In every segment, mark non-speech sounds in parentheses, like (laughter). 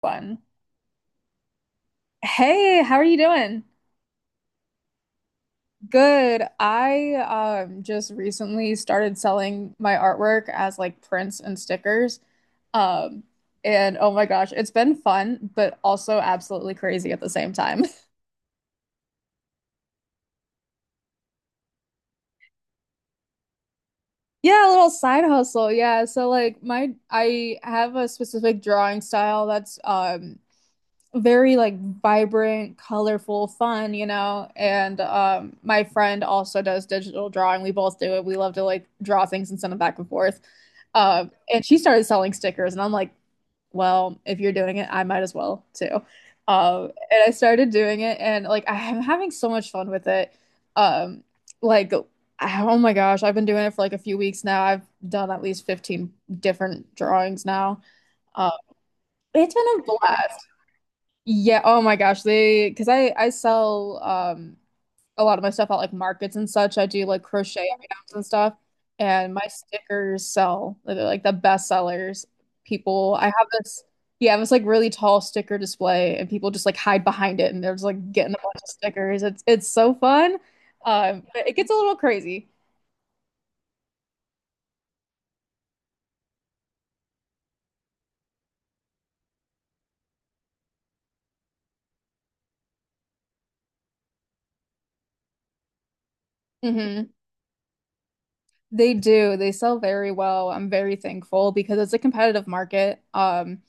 Fun. Hey, how are you doing? Good. I just recently started selling my artwork as like prints and stickers. Um and oh my gosh, it's been fun, but also absolutely crazy at the same time. (laughs) Yeah, a little side hustle. Yeah. So like my I have a specific drawing style that's very like vibrant, colorful, fun. And my friend also does digital drawing. We both do it. We love to like draw things and send them back and forth. And she started selling stickers and I'm like, well, if you're doing it, I might as well too. And I started doing it and like I'm having so much fun with it. Um like oh my gosh, I've been doing it for like a few weeks now. I've done at least 15 different drawings now. Um it's been a blast. Yeah, oh my gosh, they because I sell a lot of my stuff at like markets and such. I do like crochet items and stuff, and my stickers sell. They're like the best sellers. People, I have this Yeah, I have this like really tall sticker display, and people just like hide behind it, and they're just like getting a bunch of stickers. It's so fun, but it gets a little crazy. Hmm. They do. They sell very well. I'm very thankful because it's a competitive market.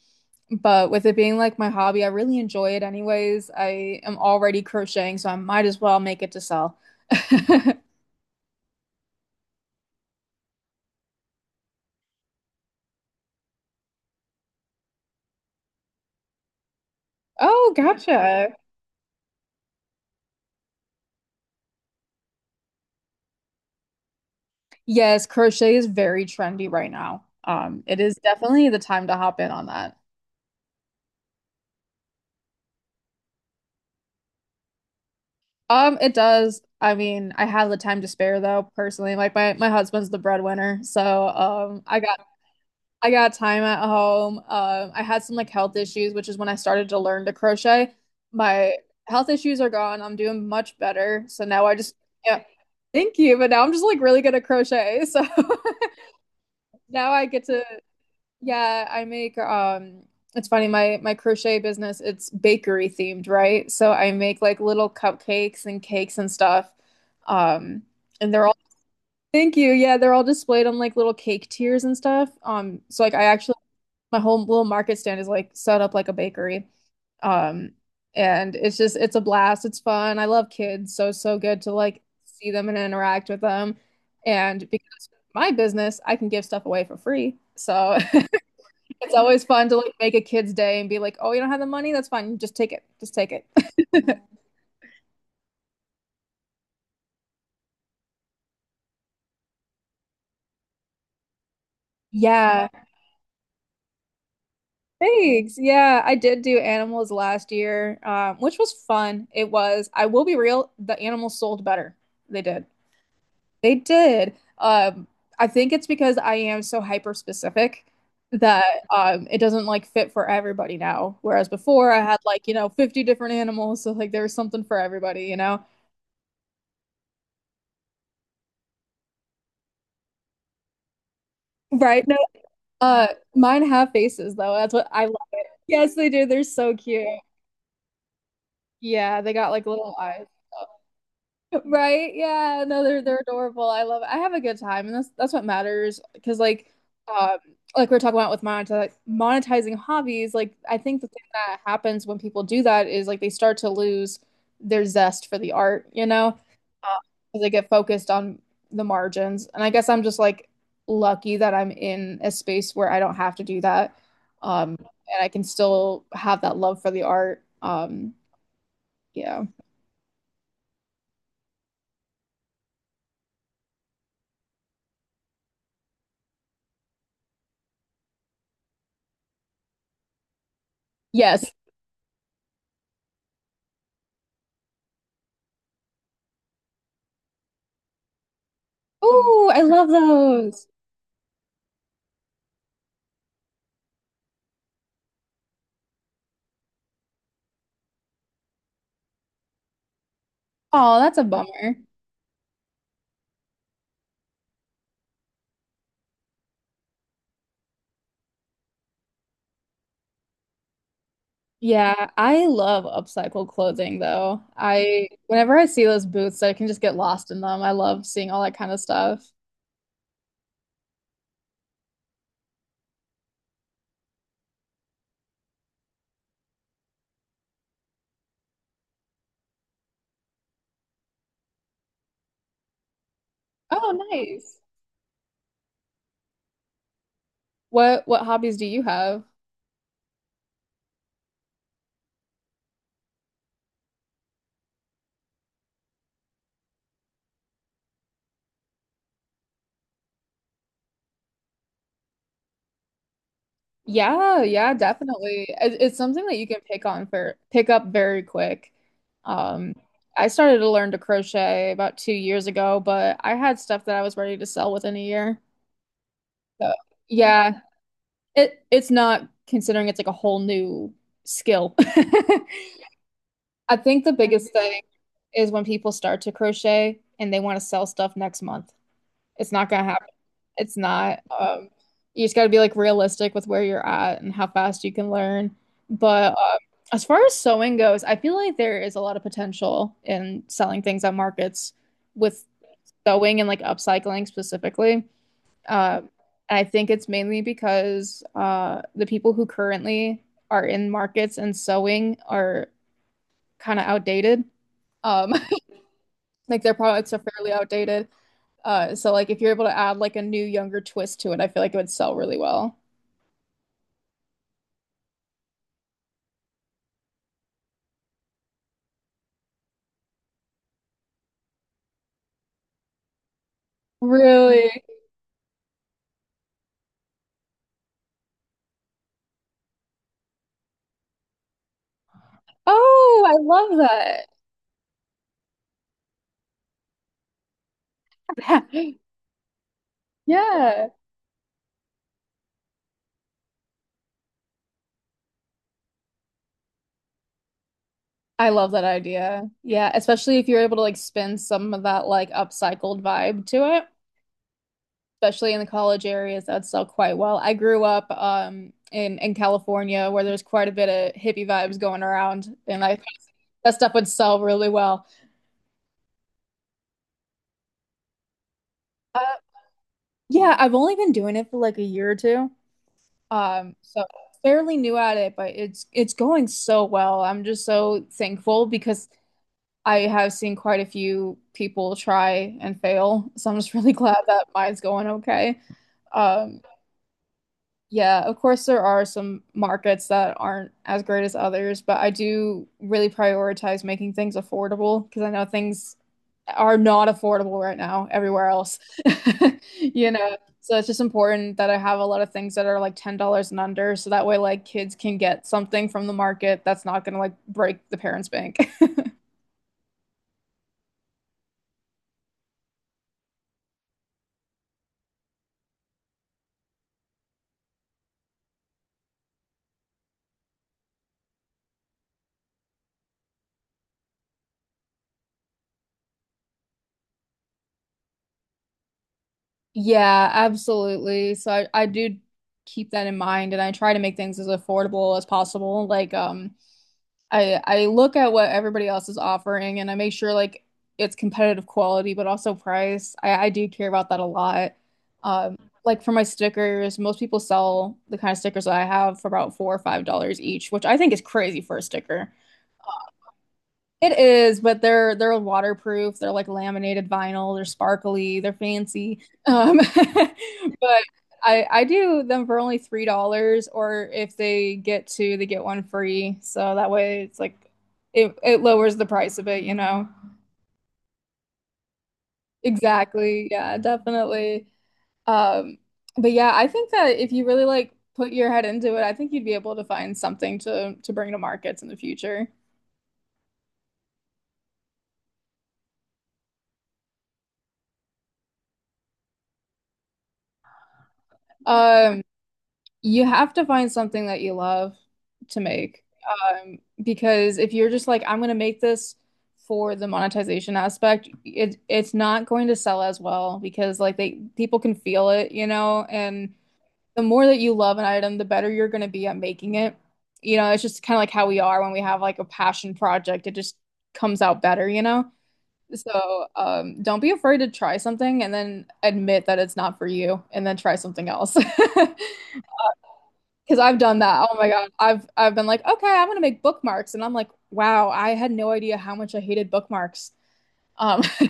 But with it being like my hobby, I really enjoy it anyways. I am already crocheting, so I might as well make it to sell. (laughs) Oh, gotcha. Yes, crochet is very trendy right now. It is definitely the time to hop in on that. It does. I mean, I have the time to spare though, personally. Like my husband's the breadwinner, so I got time at home. I had some like health issues, which is when I started to learn to crochet. My health issues are gone. I'm doing much better. So now yeah, thank you. But now I'm just like really good at crochet. So (laughs) now yeah, I make, it's funny, my crochet business, it's bakery themed, right? So I make like little cupcakes and cakes and stuff. Um, and they're all, Thank you. Yeah, they're all displayed on like little cake tiers and stuff. So like I actually my whole little market stand is like set up like a bakery. Um, and it's just it's a blast. It's fun. I love kids, so it's so good to like see them and interact with them. And because of my business, I can give stuff away for free. So (laughs) it's always fun to like make a kid's day and be like, "Oh, you don't have the money? That's fine. Just take it. Just take it." (laughs) Yeah. Thanks. Yeah, I did do animals last year, which was fun. It was. I will be real, the animals sold better. They did. They did. I think it's because I am so hyper specific that it doesn't like fit for everybody now. Whereas before I had like, you know, 50 different animals, (laughs) so like there was something for everybody, you know. Right? No, uh mine have faces though. That's what I love it. Yes, they do. They're so cute. Yeah, they got like little eyes. Right? Yeah. No, they're adorable. I love it. I have a good time, and that's what matters. Because um, like we're talking about with monetizing hobbies, like I think the thing that happens when people do that is like they start to lose their zest for the art, you know. Uh, 'cause they get focused on the margins. And I guess I'm just like lucky that I'm in a space where I don't have to do that, um, and I can still have that love for the art. Yeah. Yes. Oh, I love those. Oh, that's a bummer. Yeah, I love upcycled clothing though. I whenever I see those booths, I can just get lost in them. I love seeing all that kind of stuff. Oh, nice. What hobbies do you have? Yeah, yeah, definitely. It's something that you can pick on for pick up very quick. Um, I started to learn to crochet about 2 years ago, but I had stuff that I was ready to sell within a year. So, yeah, it's not considering it's like a whole new skill. (laughs) I think the biggest thing is when people start to crochet and they want to sell stuff next month. It's not gonna happen. It's not. You just got to be like realistic with where you're at and how fast you can learn. But as far as sewing goes, I feel like there is a lot of potential in selling things at markets with sewing and like upcycling specifically. Um, I think it's mainly because the people who currently are in markets and sewing are kind of outdated. Um, (laughs) Like their products are fairly outdated. So like if you're able to add like a new younger twist to it, I feel like it would sell really well. Really? Oh, I love that. (laughs) Yeah. I love that idea. Yeah, especially if you're able to like spin some of that like upcycled vibe to it, especially in the college areas that sell quite well. I grew up in California where there's quite a bit of hippie vibes going around and I that stuff would sell really well. Uh, yeah, I've only been doing it for like a year or two. So fairly new at it, but it's going so well. I'm just so thankful because I have seen quite a few people try and fail. So I'm just really (laughs) glad that mine's going okay. Um, yeah, of course, there are some markets that aren't as great as others, but I do really prioritize making things affordable because I know things are not affordable right now everywhere else. (laughs) You know, so it's just important that I have a lot of things that are like $10 and under so that way like kids can get something from the market that's not going to like break the parents' bank. (laughs) Yeah, absolutely. So I do keep that in mind and I try to make things as affordable as possible. Like, I look at what everybody else is offering and I make sure like it's competitive quality but also price. I do care about that a lot. Um, like for my stickers, most people sell the kind of stickers that I have for about $4 or $5 each, which I think is crazy for a sticker. It is, but they're waterproof. They're like laminated vinyl. They're sparkly. They're fancy. (laughs) But I do them for only $3, or if they get two, they get one free. So that way, it's like it lowers the price of it, you know. Exactly. Yeah, definitely. Um, but yeah, I think that if you really like put your head into it, I think you'd be able to find something to bring to markets in the future. Um, You have to find something that you love to make. Because if you're just like, I'm gonna make this for the monetization aspect, it's not going to sell as well because like they people can feel it, you know, and the more that you love an item, the better you're gonna be at making it. You know, it's just kind of like how we are when we have like a passion project, it just comes out better, you know? So, don't be afraid to try something and then admit that it's not for you and then try something else. (laughs) Because I've done that. Oh my God. I've been like, okay, I'm gonna make bookmarks. And I'm like, wow, I had no idea how much I hated bookmarks. (laughs) So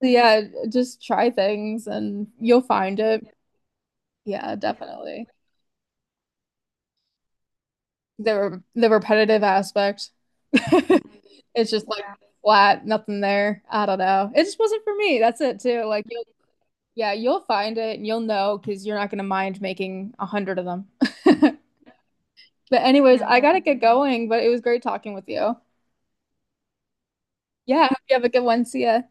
yeah, just try things and you'll find it. Yeah, definitely. The repetitive aspect. (laughs) It's just like flat, nothing there. I don't know. It just wasn't for me. That's it too. Like you'll Yeah, you'll find it and you'll know because you're not gonna mind making 100 of them. (laughs) But anyways, I gotta get going, but it was great talking with you. Yeah, hope you have a good one. See ya.